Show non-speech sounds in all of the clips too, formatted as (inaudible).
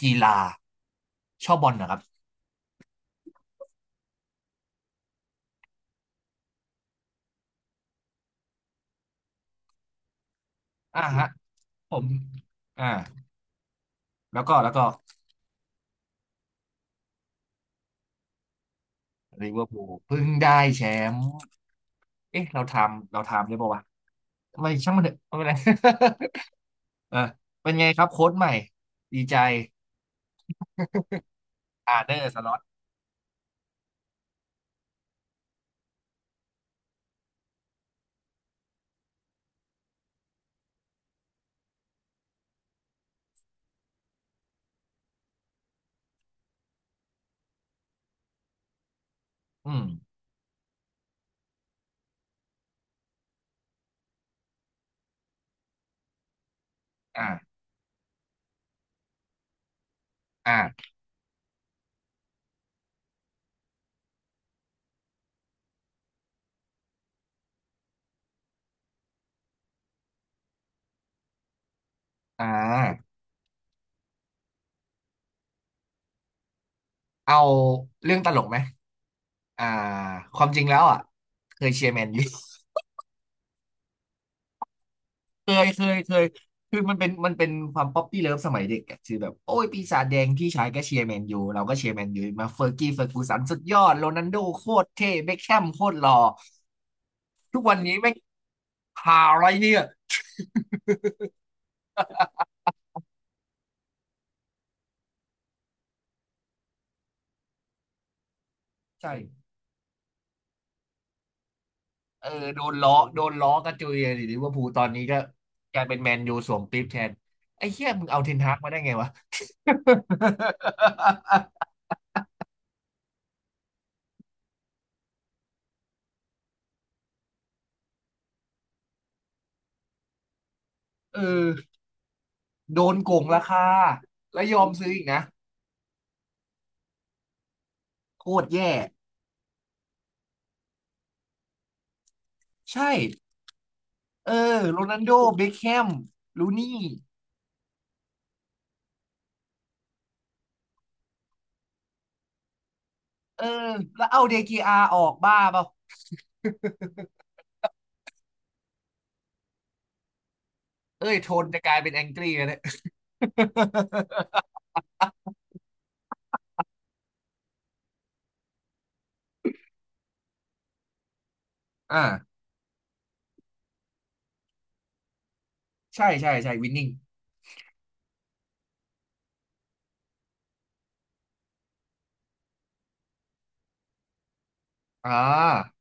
กีฬาชอบบอลนะครับอ่าฮะผมอ่าแล้วก็ลิเวอร์พูลเพิ่งได้แชมป์เอ๊ะเราทำได้ป่าวะไม่ช่างมันเถอะไม่เป็นไร (laughs) เออเป็นไงครับโค้ชใหม่ดีใจอาร์เนอร์สล็อตอืมอ่าอ่าอ่าเอาเรื่องตลกไหมอ่าความจริงแล้วอ่ะเคยเชียร์แมนยู เคยคือมันเป็นความป๊อปปี้เลิฟสมัยเด็กอะคือแบบโอ้ยปีศาจแดงพี่ชายก็เชียร์แมนยูเราก็เชียร์แมนยูมาเฟอร์กี้เฟอร์กูสันสุดยอดโรนัลโดโคตรเท่เบ็คแฮมโคตรหล่อทุกวันนี้ไม่งหาอะไรเนี่ยใช่เออโดนล้อโดนล้อกระจุยหรือว่าภูลตอนนี้ก็กลายเป็นแมนยูสวมปี๊บแทนไอ้เหี้ยมึงเอาเทนฮากมาได้ไงวะ (laughs) เออโดนโกงราคาแล้วยอมซื้ออีกนะโคตรแย่ใช่ เออโรนัลโดเบคแฮมรูนี่เออแล้วเอาเดกีอาร์ออกบ้าเปล่าเอ้ยโทนจะกลายเป็นแองกี้แล้เนี่ย (laughs) อ่าใช่ใช่ใช่วินนิ่งอ่า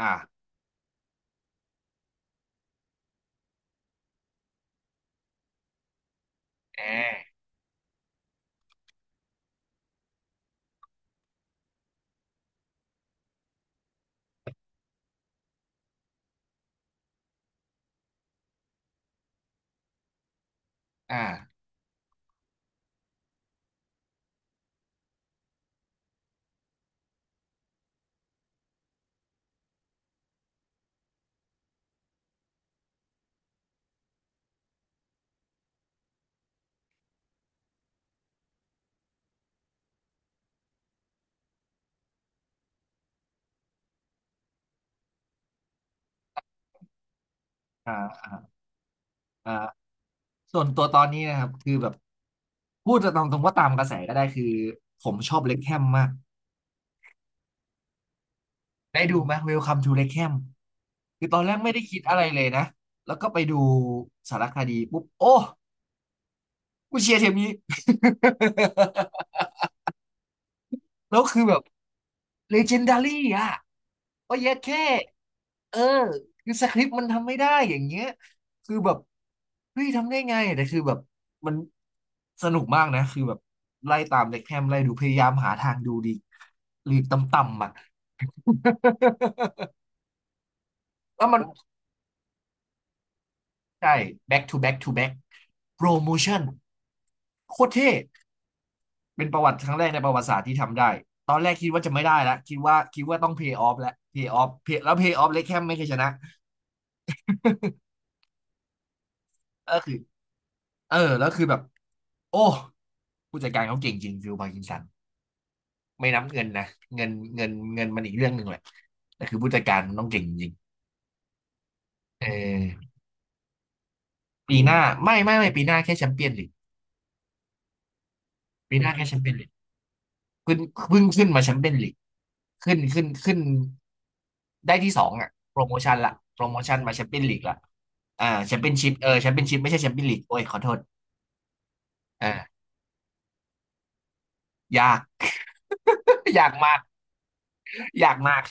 อ่าแออ่าอ่าอ่าส่วนตัวตอนนี้นะครับคือแบบพูดตามตรงว่าตามกระแสก็ได้คือผมชอบเล็คแฮมมากได้ดูไหม e l ลค m มทูเล็คแฮมคือตอนแรกไม่ได้คิดอะไรเลยนะแล้วก็ไปดูสารคดีปุ๊บโอ้กูเชียร์ทีมนี้ (laughs) แล้วคือแบบ legendary อ่ะก็เยอะแค่เออคือสคริปต์มันทำไม่ได้อย่างเงี้ยคือแบบเฮ้ยทำได้ไงแต่คือแบบมันสนุกมากนะคือแบบไล่ตามเด็กแฮมไล่ดูพยายามหาทางดูดีลีกต่ำๆอ่ะ (laughs) แล้วมันใช่ back to back to back promotion โมชั่นโคตรเท่ เป็นประวัติครั้งแรกในประวัติศาสตร์ที่ทำได้ ตอนแรกคิดว่าจะไม่ได้แล้ว คิดว่าต้อง pay off แล้ว pay off เล็กแคมไม่เคยชนะก็คือเออแล้วคือแบบโอ้ผู้จัดการเขาเก่งจริงฟิลพาร์กินสันไม่นับเงินนะเงินมันอีกเรื่องหนึ่งแหละแต่คือผู้จัดการมันต้องเก่งจริงเออปีหน้าไม่ปีหน้าแค่แชมเปี้ยนลีกปีหน้าแค่แชมเปี้ยนลีก ขึ้นเพิ่งขึ้นมาแชมเปี้ยนลีกขึ้นได้ที่สองอ่ะโปรโมชั่นละโปรโมชั่นมาแชมเปี้ยนลีกละอ่าแชมเปี้ยนชิพเออแชมเปี้ยนชิพไม่ใช่แชมเปี้ยนลีกโอ้ยขอโทษอ่ายาก (laughs) ยากมากยากมาก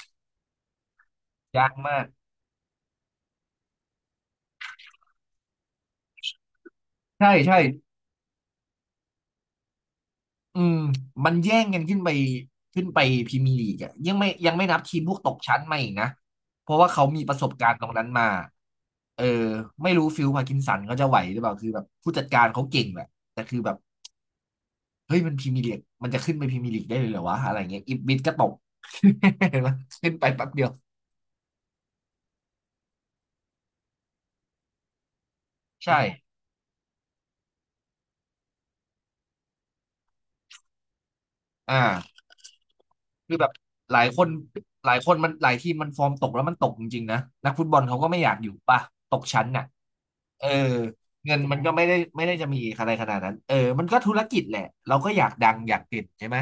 ยากมากใช่ใช่อืมมันแย่งกันขึ้นไปขึ้นไปพรีเมียร์ลีกอะยังไม่นับทีมพวกตกชั้นมาอีกนะเพราะว่าเขามีประสบการณ์ตรงนั้นมาเออไม่รู้ฟิลพาร์กินสันเขาจะไหวหรือเปล่าคือแบบผู้จัดการเขาเก่งแหละแต่คือแบบ เฮ้ยมันพรีเมียร์ลีกมันจะขึ้นไปพรีเมียร์ลีกได้เลยเหรอวะอะไรเงี้ยอีบิดก็ตก (laughs) เห็นไหมขึ้นไปแป๊บเดียวใช่อ่าคือแบบหลายคนหลายคนมันหลายทีมมันฟอร์มตกแล้วมันตกจริงๆนะนักฟุตบอลเขาก็ไม่อยากอยู่ป่ะตกชั้นน่ะเออเงินมันก็ไม่ได้จะมีอะไรขนาดนั้นเออมันก็ธุรกิจแหละเราก็อยากดังอยากเด่นใช่ไหม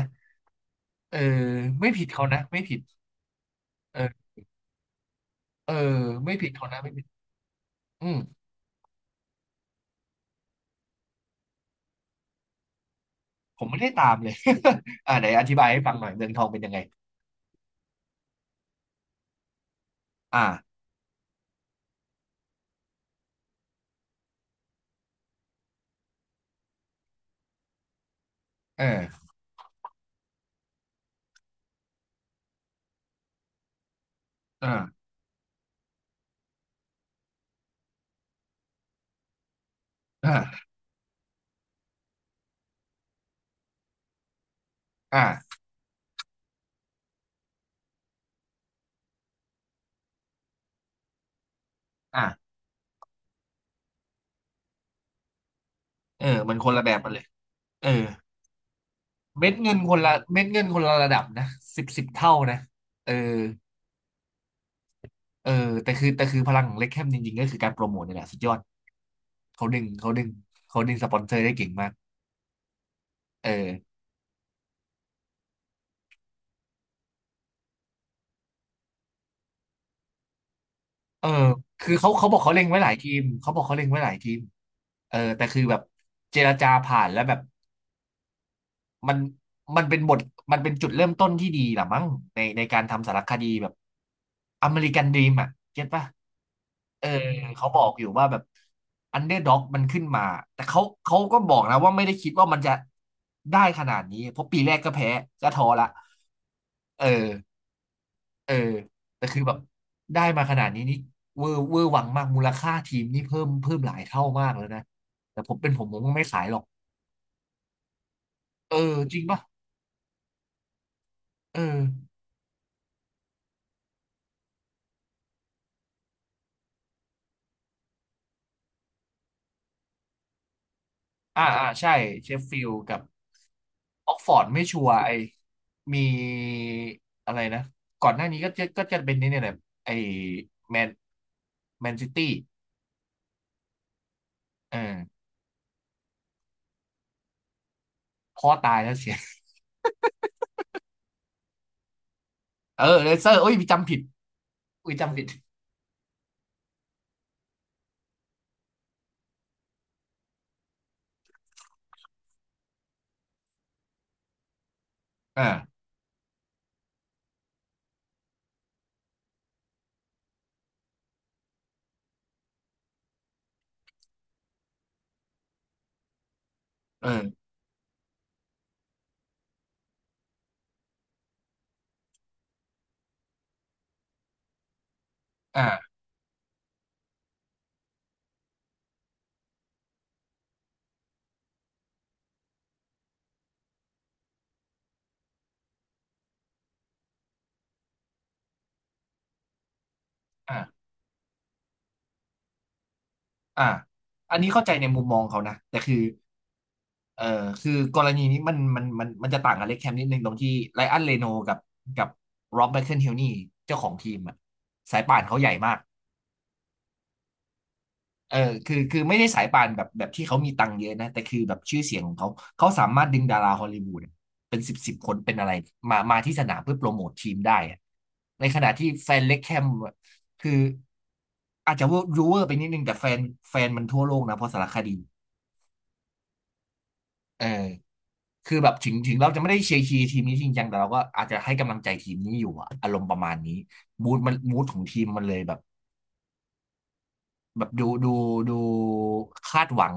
เออไม่ผิดเขานะไม่ผิดเออเออไม่ผิดเขานะไม่ผิดอืมผมไม่ได้ตามเลย (laughs) อ่าไหนอธิบายให้ฟังหน่อยเมืองทองเป็นยังไงอ่าเออ อ่าอ่าอ่าอ่าเออมันคนละแบบกันเลยเออเม็ดเงินคนละเม็ดเงินคนละระดับนะสิบสิบเท่านะเออเออแต่คือแต่คือพลังของเล็กแคมจริงๆก็คือการโปรโมทนี่แหละสุดยอดเขาดึงเขาดึงเขาดึงสปอนเซอร์ได้เก่งมากเออเออคือเขาบอกเขาเล็งไว้หลายทีมเขาบอกเขาเล็งไว้หลายทีมเออแต่คือแบบเจรจาผ่านแล้วแบบ มันมันเป็นบทมันเป็นจุดเริ่มต้นที่ดีหรอมั้งในการทำสารคดีแบบอเมริกันดรีมอ่ะเก็ตป่ะเออเขาบอกอยู่ว่าแบบอันเดอร์ด็อกมันขึ้นมาแต่เขาก็บอกนะว่าไม่ได้คิดว่ามันจะได้ขนาดนี้เพราะปีแรกก็แพ้ก็ท้อละเออเออแต่คือแบบได้มาขนาดนี้นี่เวอร์เวอร์หวังมากมูลค่าทีมนี่เพิ่มเพิ่มหลายเท่ามากแล้วนะแต่ผมเป็นผมก็ไม่ขายหรอกเออจริงป่ะเออ อ่าอ่าใช่เชฟฟิลด์กับออกฟอร์ดไม่ชัวร์ไอมีอะไรนะก่อนหน้านี้ก็จะเป็นนี่เนี่ยแหละไอแมนแมนซิตี้เออพ่อตายแล้วเสีย (laughs) เออเลเซอร์โอ้ยจำผิดอุ้ยจำผิดอ่าเอออ่าอ่าอ่าอันนี้เข้าใจในมุมมองเขานะแต่คือเออคือกรณีนี้มันจะต่างกับเล็กแคมนิดนึงตรงที่ไรอันเรโนกับโรบแมคเคิลเฮนนี่เจ้าของทีมอะสายป่านเขาใหญ่มาก เออคือไม่ได้สายป่านแบบที่เขามีตังค์เยอะนะแต่คือแบบชื่อเสียงของเขาเขาสามารถดึงดาราฮอลลีวูดเป็นสิบสิบคนเป็นอะไรมาที่สนามเพื่อโปรโมททีมได้อะในขณะที่แฟนเล็กแคมอะคืออาจจะว่ารูเวอร์ไปนิดนึงแต่แฟนมันทั่วโลกนะเพราะสารคดีเออคือแบบถึงเราจะไม่ได้เชียร์ทีมนี้จริงจังแต่เราก็อาจจะให้กำลังใจทีมนี้อยู่อะอารมณ์ประมาณนี้มูดมันมูดของทีมมันเลยแบบ แบบดูคาดหวัง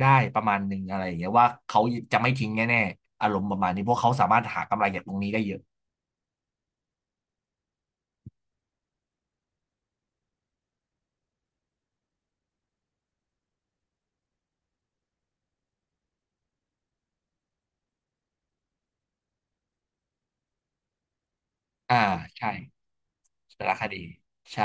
ได้ประมาณหนึ่งอะไรอย่างเงี้ยว่าเขาจะไม่ทิ้งแน่ๆอารมณ์ประมาณนี้เพราะเขาสามารถหากำไรจากตรงนี้ได้เยอะอ่าใช่แต่ละคดีใช่